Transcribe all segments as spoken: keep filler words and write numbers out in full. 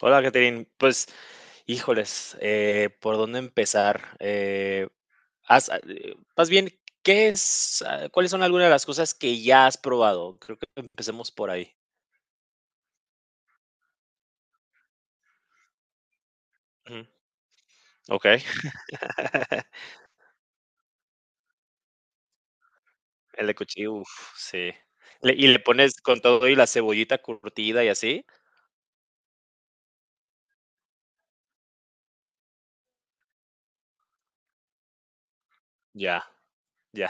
Hola, Catherine. Pues, híjoles, eh, ¿por dónde empezar? Eh, has, ah, eh, más bien, ¿qué es, ah, ¿cuáles son algunas de las cosas que ya has probado? Creo que empecemos por ahí. Ujú. Okey. El de cuchillo, uf, sí. Le ¿Y le pones con todo y la cebollita curtida y así? Ya, ya.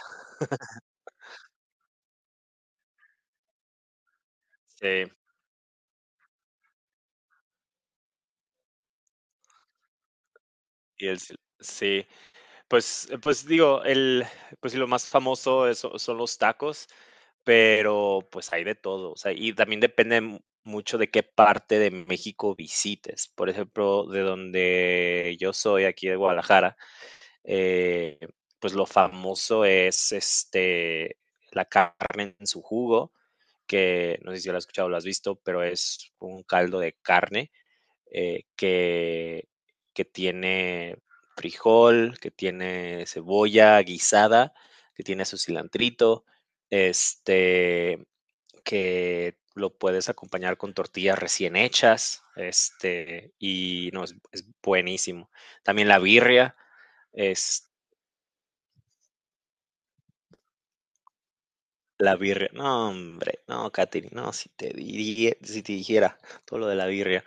Sí, y el sil- sí. Pues eh, pues, digo, el pues, sí, lo más famoso es son los tacos. Pero, pues, hay de todo, o sea, y también depende mu mucho de qué parte de México visites. Por ejemplo, de donde yo soy, aquí de Guadalajara, eh, pues lo famoso es este la carne en su jugo, que no sé si lo has escuchado o lo has visto, pero es un caldo de carne eh, que, que tiene frijol, que tiene cebolla guisada, que tiene su cilantrito, este, que lo puedes acompañar con tortillas recién hechas, este, y no, es, es buenísimo. También la birria, es la birria. No, hombre, no, Katherine, no, si te, diría- si te dijera todo lo de la birria,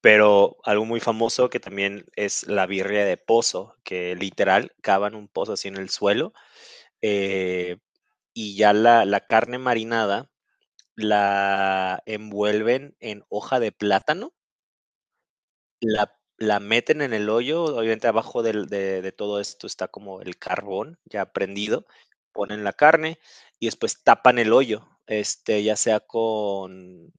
pero algo muy famoso que también es la birria de pozo, que literal cavan un pozo así en el suelo, eh, y ya la, la carne marinada la envuelven en hoja de plátano. La la meten en el hoyo. Obviamente, abajo del de de todo esto está como el carbón ya prendido, ponen la carne y después tapan el hoyo, este, ya sea con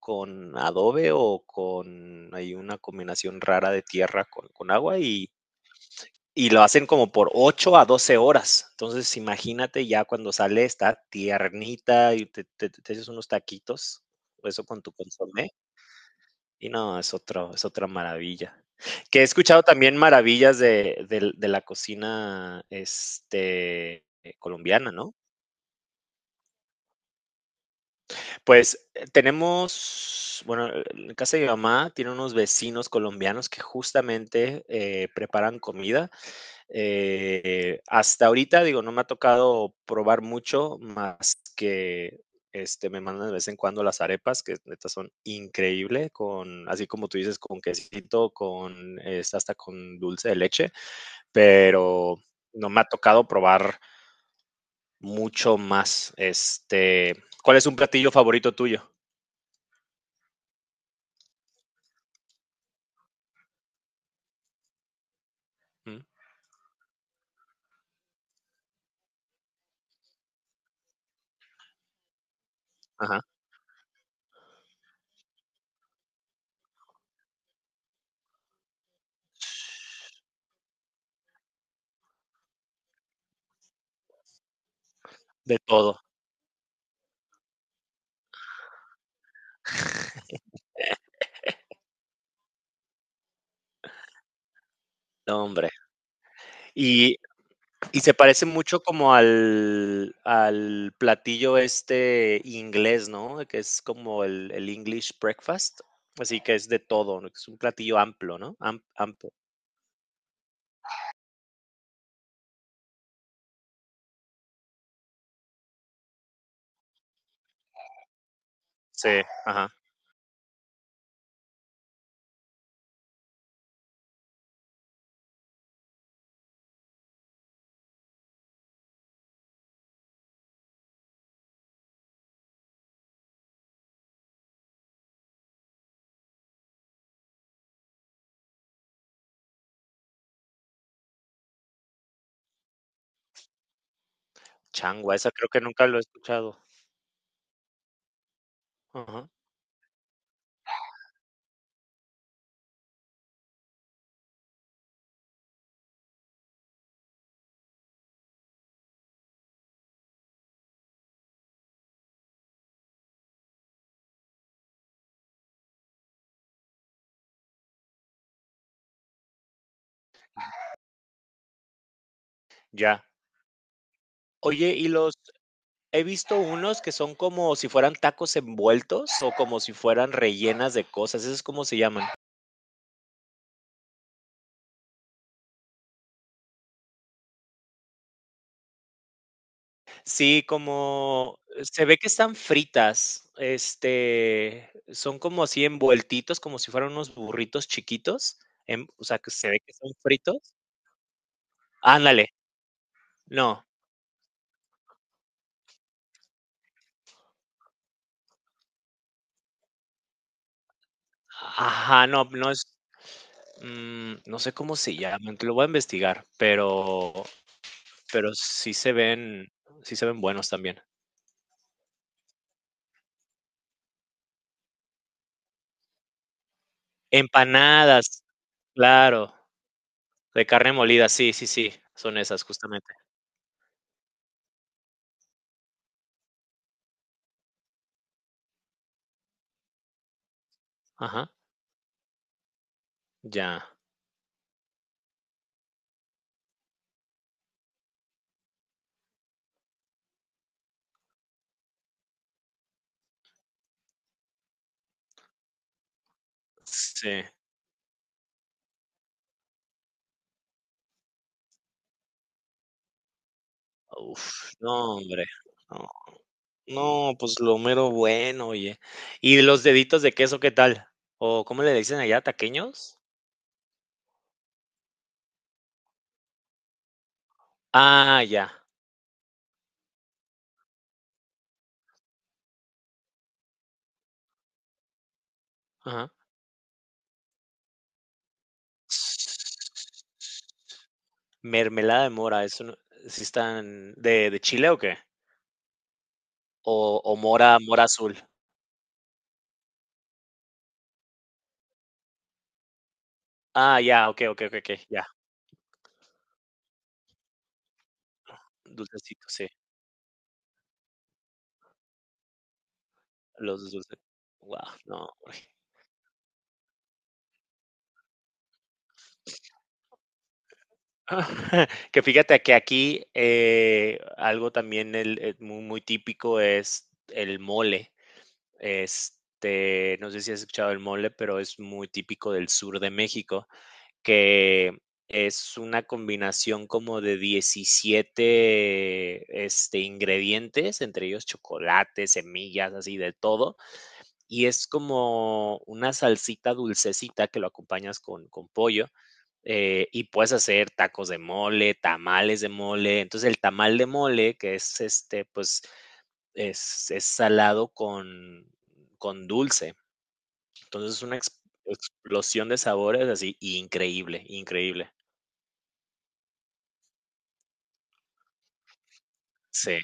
con adobe, o con, hay una combinación rara de tierra con con agua, y y lo hacen como por ocho a doce horas. Entonces, imagínate, ya cuando sale está tiernita y te te te echas unos taquitos, eso con tu consomé. Y no, es otro, es otra maravilla. Que he escuchado también maravillas de, del- de la cocina, este, eh, colombiana, ¿no? Pues eh, tenemos, bueno, eh, en casa de mi mamá tiene unos vecinos colombianos que justamente eh, preparan comida. Eh, hasta ahorita, digo, no me ha tocado probar mucho más que, este, me mandan de vez en cuando las arepas, que neta son increíbles con, así como tú dices, con quesito, con, es hasta con dulce de leche, pero no me ha tocado probar mucho más. Este, ¿cuál es un platillo favorito tuyo? Mm. Ajá. De todo, no, hombre. Y Y se parece mucho como al, al platillo este inglés, ¿no? Que es como el, el English breakfast. Así que es de todo, ¿no? Es un platillo amplio, ¿no? Am- amplio. Sí, ajá. Changua, esa creo que nunca lo he escuchado. Ajá. Ya. Oye, y los he visto unos que son como si fueran tacos envueltos, o como si fueran rellenas de cosas. ¿Eso es cómo se llaman? Sí, como, eh, se ve que están fritas, este, son como así envueltitos, como si fueran unos burritos chiquitos, em, o sea, que se ve que son fritos. Ándale, no, ajá, no, no es, mm, no sé cómo se llaman, te lo voy a investigar, pero pero sí se ven sí se ven buenos también. Empanadas, claro, de carne molida, sí, sí, sí, son esas justamente. Ajá, ya, sí. Uf, no, hombre. No, no, pues lo mero bueno, oye. ¿Y los deditos de queso qué tal? ¿O cómo le dicen allá, taqueños? Ah, ya. Ajá. Mermelada de mora, eso no. ¿Sí están de de chile o qué? ¿O o mora mora azul? Ah, ya, okey, okey, okey, okey, ya. Dulcecito, sí, los dulces. Wow, no, hombre. Que fíjate que aquí, eh, algo también el eh, muy, muy típico es el mole. Este, no sé si has escuchado el mole, pero es muy típico del sur de México, que es una combinación como de diecisiete, este, ingredientes, entre ellos chocolate, semillas, así de todo, y es como una salsita dulcecita que lo acompañas con, con pollo. Eh, y puedes hacer tacos de mole, tamales de mole. Entonces el tamal de mole, que es, este, pues, es, es salado con, con dulce. Entonces es una ex- explosión de sabores así, increíble, increíble. Sí.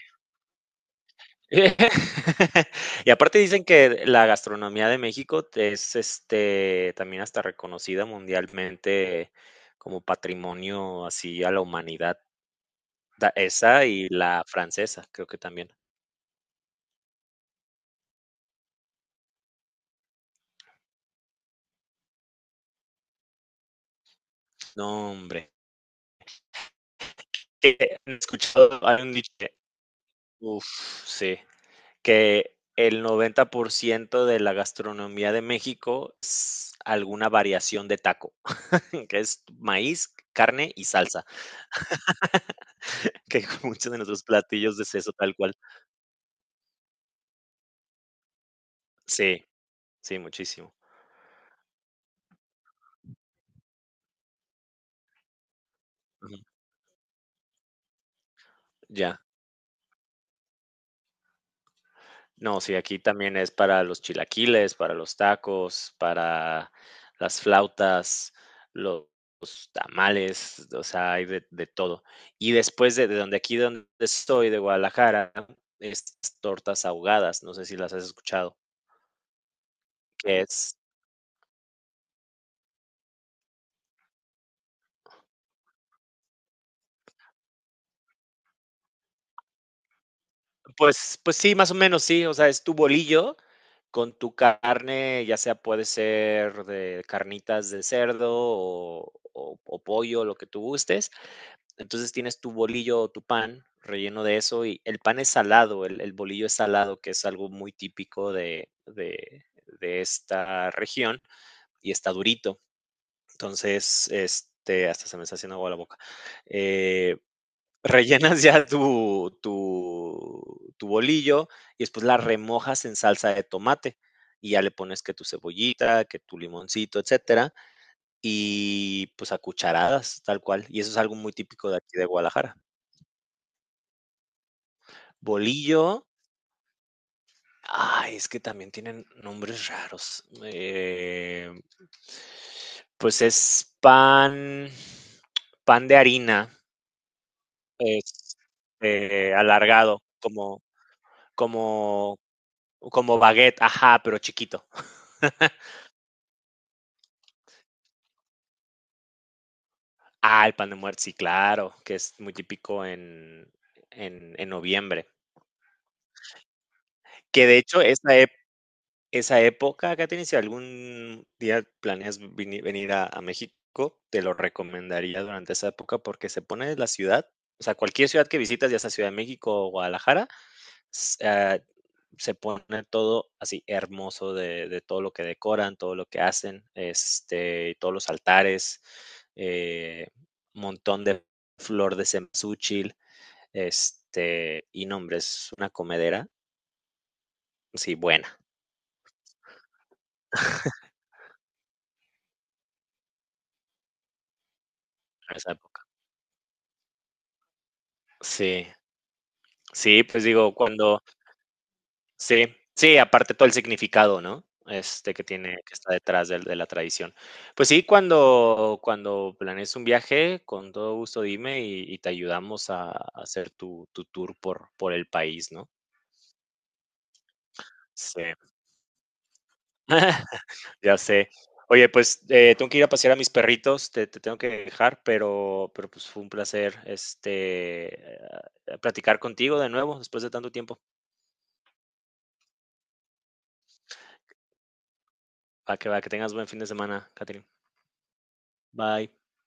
Y aparte dicen que la gastronomía de México es, este, también, hasta reconocida mundialmente como patrimonio así a la humanidad. Ta- Esa y la francesa, creo que también. No, hombre. Eh, He escuchado, hay un dicho, que- uf, sí, que el noventa por ciento de la gastronomía de México es alguna variación de taco, que es maíz, carne y salsa, que con muchos de nuestros platillos es eso, tal cual. Sí, sí, muchísimo. Ujú, ya. No, sí, aquí también es para los chilaquiles, para los tacos, para las flautas, los tamales, o sea, hay de de todo. Y después de de donde, aquí donde estoy, de Guadalajara, estas tortas ahogadas, no sé si las has escuchado, que es pues pues sí, más o menos, sí, o sea, es tu bolillo. Con tu carne, ya sea puede ser de carnitas de cerdo, o, o- o pollo, lo que tú gustes. Entonces, tienes tu bolillo o tu pan relleno de eso, y el pan es salado, el, el bolillo es salado, que es algo muy típico de, de- de esta región, y está durito. Entonces, este, hasta se me está haciendo agua la boca. Eh, Rellenas ya tu tu tu bolillo y después la remojas en salsa de tomate, y ya le pones que tu cebollita, que tu limoncito, etcétera, y pues a cucharadas, tal cual, y eso es algo muy típico de aquí de Guadalajara. Bolillo, ay, es que también tienen nombres raros, eh, pues es pan pan de harina, este, alargado, como como Como baguette, ajá, pero chiquito. Ah, el pan de muerto, sí, claro, que es muy típico en, en, en noviembre. Que de hecho, esa, ep- esa época, Katherine, si algún día planeas vini- venir a, a México, te lo recomendaría durante esa época, porque se pone la ciudad, o sea, cualquier ciudad que visitas, ya sea Ciudad de México o Guadalajara, s- ah, se pone todo así hermoso de, de todo lo que decoran, todo lo que hacen, este, todos los altares, eh, montón de flor de cempasúchil, este, y nombre, es una comedera, sí, buena en esa época. Sí, sí, pues digo, cuando, sí, sí, aparte todo el significado, ¿no? Este que tiene, que está detrás del de la tradición. Pues sí, cuando cuando planees un viaje, con todo gusto dime y y te ayudamos a a hacer tu tu tour por por el país, ¿no? Sí, ya sé. Oye, pues, eh, tengo que ir a pasear a mis perritos, te te tengo que dejar, pero pero, pues, fue un placer, este, eh, platicar contigo de nuevo después de tanto tiempo. Para que va, que tengas buen fin de semana, Catherine. Bye.